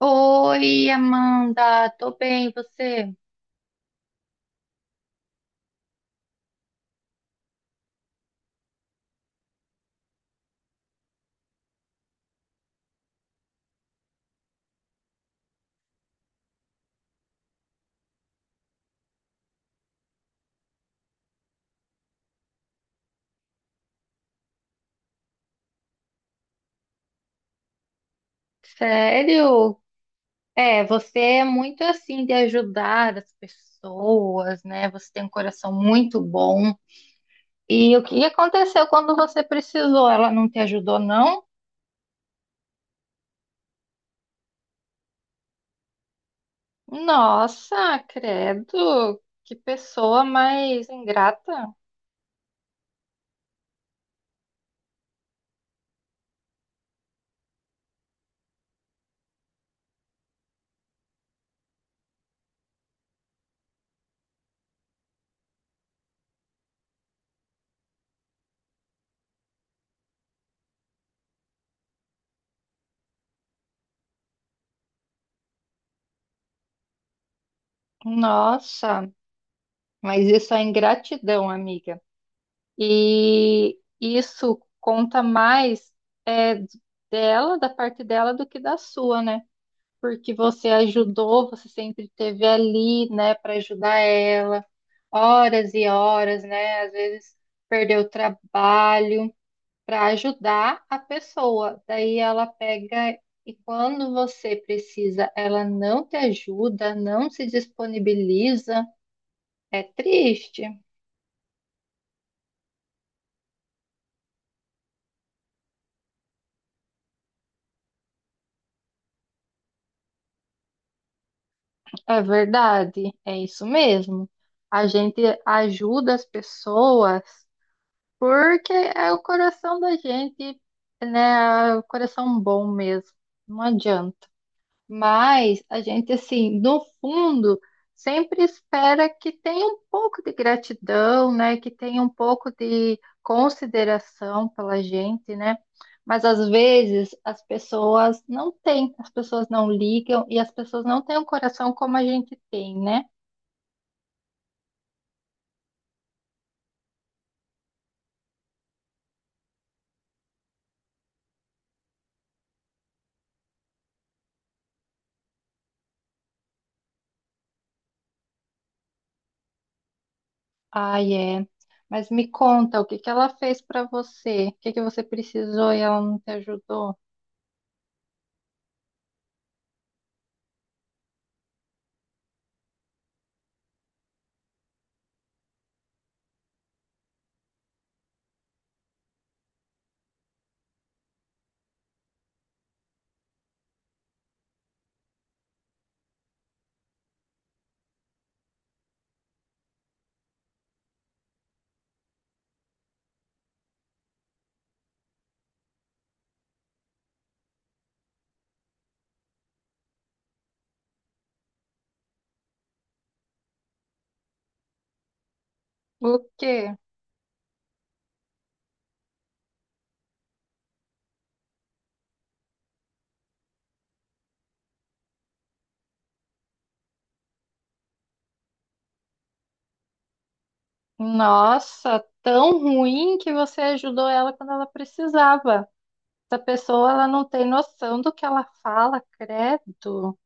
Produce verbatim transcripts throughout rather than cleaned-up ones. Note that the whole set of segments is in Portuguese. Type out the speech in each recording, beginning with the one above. Oi, Amanda, tô bem, e você? Sério? É, você é muito assim de ajudar as pessoas, né? Você tem um coração muito bom. E o que aconteceu quando você precisou? Ela não te ajudou, não? Nossa, credo, que pessoa mais ingrata. Nossa, mas isso é ingratidão, amiga. E isso conta mais é, dela, da parte dela, do que da sua, né? Porque você ajudou, você sempre esteve ali, né, para ajudar ela, horas e horas, né? Às vezes perdeu o trabalho para ajudar a pessoa. Daí ela pega e quando você precisa, ela não te ajuda, não se disponibiliza. É triste. É verdade, é isso mesmo. A gente ajuda as pessoas porque é o coração da gente, né? É o coração bom mesmo. Não adianta. Mas a gente, assim, no fundo, sempre espera que tenha um pouco de gratidão, né? Que tenha um pouco de consideração pela gente, né? Mas às vezes as pessoas não têm, as pessoas não ligam e as pessoas não têm um coração como a gente tem, né? Ai, é. Mas me conta, o que que ela fez pra você? O que que você precisou e ela não te ajudou? O quê? Nossa, tão ruim que você ajudou ela quando ela precisava. Essa pessoa, ela não tem noção do que ela fala, credo.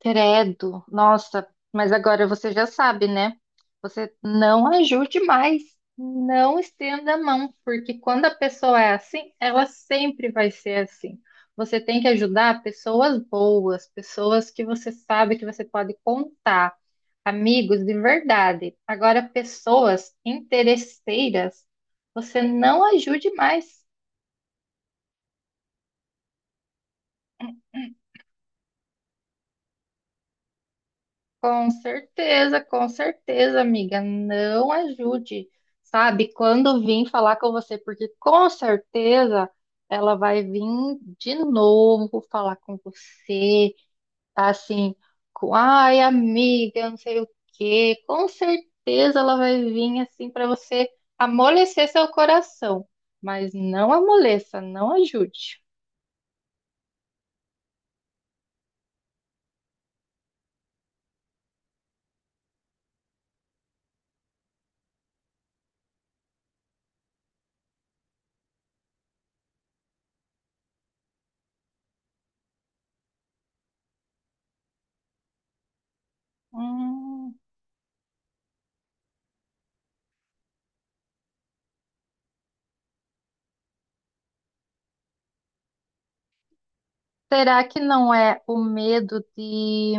Credo, nossa, mas agora você já sabe, né? Você não ajude mais, não estenda a mão, porque quando a pessoa é assim, ela sempre vai ser assim. Você tem que ajudar pessoas boas, pessoas que você sabe que você pode contar, amigos de verdade. Agora, pessoas interesseiras, você não ajude mais. Com certeza, com certeza, amiga. Não ajude, sabe? Quando vim falar com você, porque com certeza ela vai vir de novo falar com você, tá assim, com, ai, amiga, não sei o quê. Com certeza ela vai vir assim para você amolecer seu coração, mas não amoleça, não ajude. Hum. Será que não é o medo de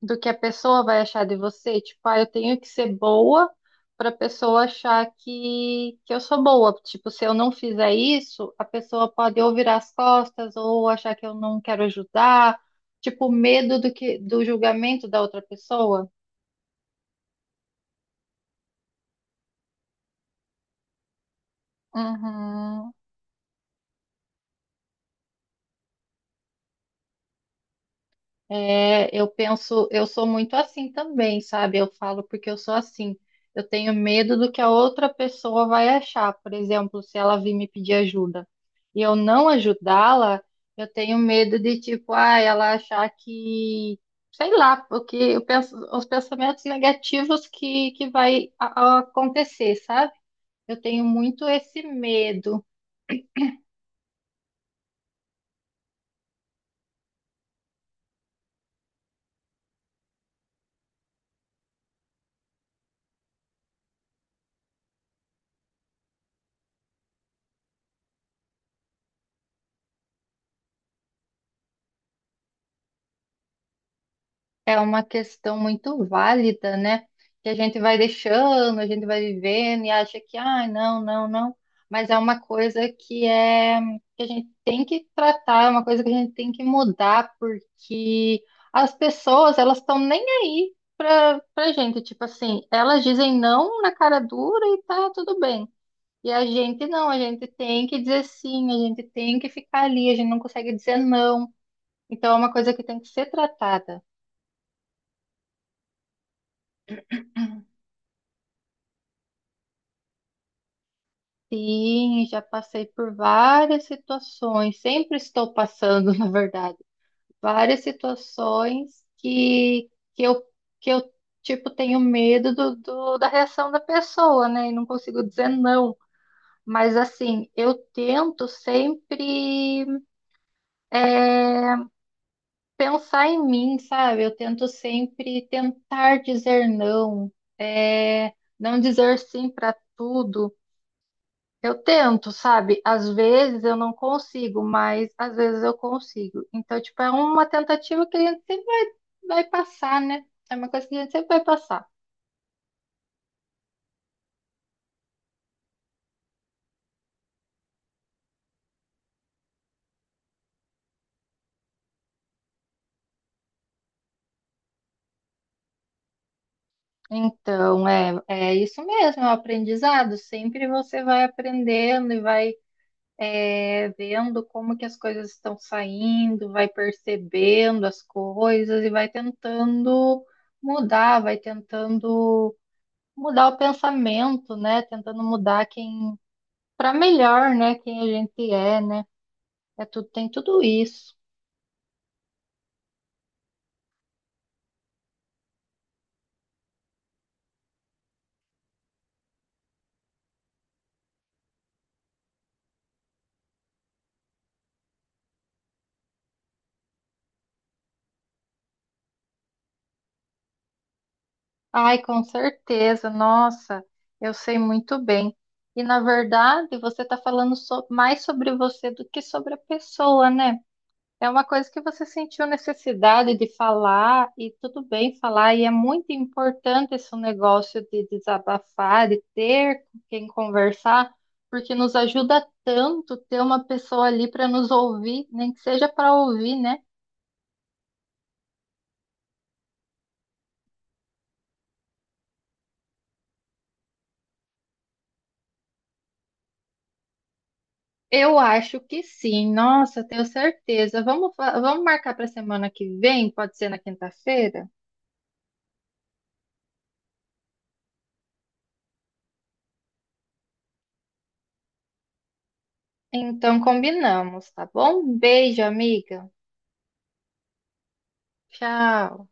do que a pessoa vai achar de você? Tipo, ah, eu tenho que ser boa para a pessoa achar que, que eu sou boa. Tipo, se eu não fizer isso, a pessoa pode ou virar as costas ou achar que eu não quero ajudar. Tipo, medo do que do julgamento da outra pessoa. Uhum. É, eu penso, eu sou muito assim também, sabe? Eu falo porque eu sou assim. Eu tenho medo do que a outra pessoa vai achar, por exemplo, se ela vir me pedir ajuda e eu não ajudá-la, eu tenho medo de tipo, ah, ela achar que, sei lá, porque eu penso, os pensamentos negativos que, que vai a- a- acontecer, sabe? Eu tenho muito esse medo. É uma questão muito válida, né? Que a gente vai deixando, a gente vai vivendo e acha que, ah, não, não, não. Mas é uma coisa que é que a gente tem que tratar, é uma coisa que a gente tem que mudar, porque as pessoas, elas estão nem aí pra, pra gente. Tipo assim, elas dizem não na cara dura e tá tudo bem. E a gente não, a gente tem que dizer sim, a gente tem que ficar ali, a gente não consegue dizer não. Então é uma coisa que tem que ser tratada. Sim, já passei por várias situações, sempre estou passando, na verdade, várias situações que, que eu, que eu, tipo, tenho medo do, do- da reação da pessoa, né? E não consigo dizer não. Mas, assim, eu tento sempre eh, pensar em mim, sabe? Eu tento sempre tentar dizer não, é, não dizer sim para tudo. Eu tento, sabe? Às vezes eu não consigo, mas às vezes eu consigo. Então, tipo, é uma tentativa que a gente sempre vai, vai passar, né? É uma coisa que a gente sempre vai passar. Então, é, é isso mesmo, é um aprendizado. Sempre você vai aprendendo e vai é, vendo como que as coisas estão saindo, vai percebendo as coisas e vai tentando mudar, vai tentando mudar o pensamento, né? Tentando mudar quem para melhor, né? Quem a gente é, né? É tudo, tem tudo isso. Ai, com certeza, nossa, eu sei muito bem. E na verdade, você está falando so- mais sobre você do que sobre a pessoa, né? É uma coisa que você sentiu necessidade de falar, e tudo bem falar, e é muito importante esse negócio de desabafar, de ter com quem conversar, porque nos ajuda tanto ter uma pessoa ali para nos ouvir, nem que seja para ouvir, né? Eu acho que sim. Nossa, tenho certeza. Vamos, fa- vamos marcar para semana que vem? Pode ser na quinta-feira? Então combinamos, tá bom? Beijo, amiga. Tchau.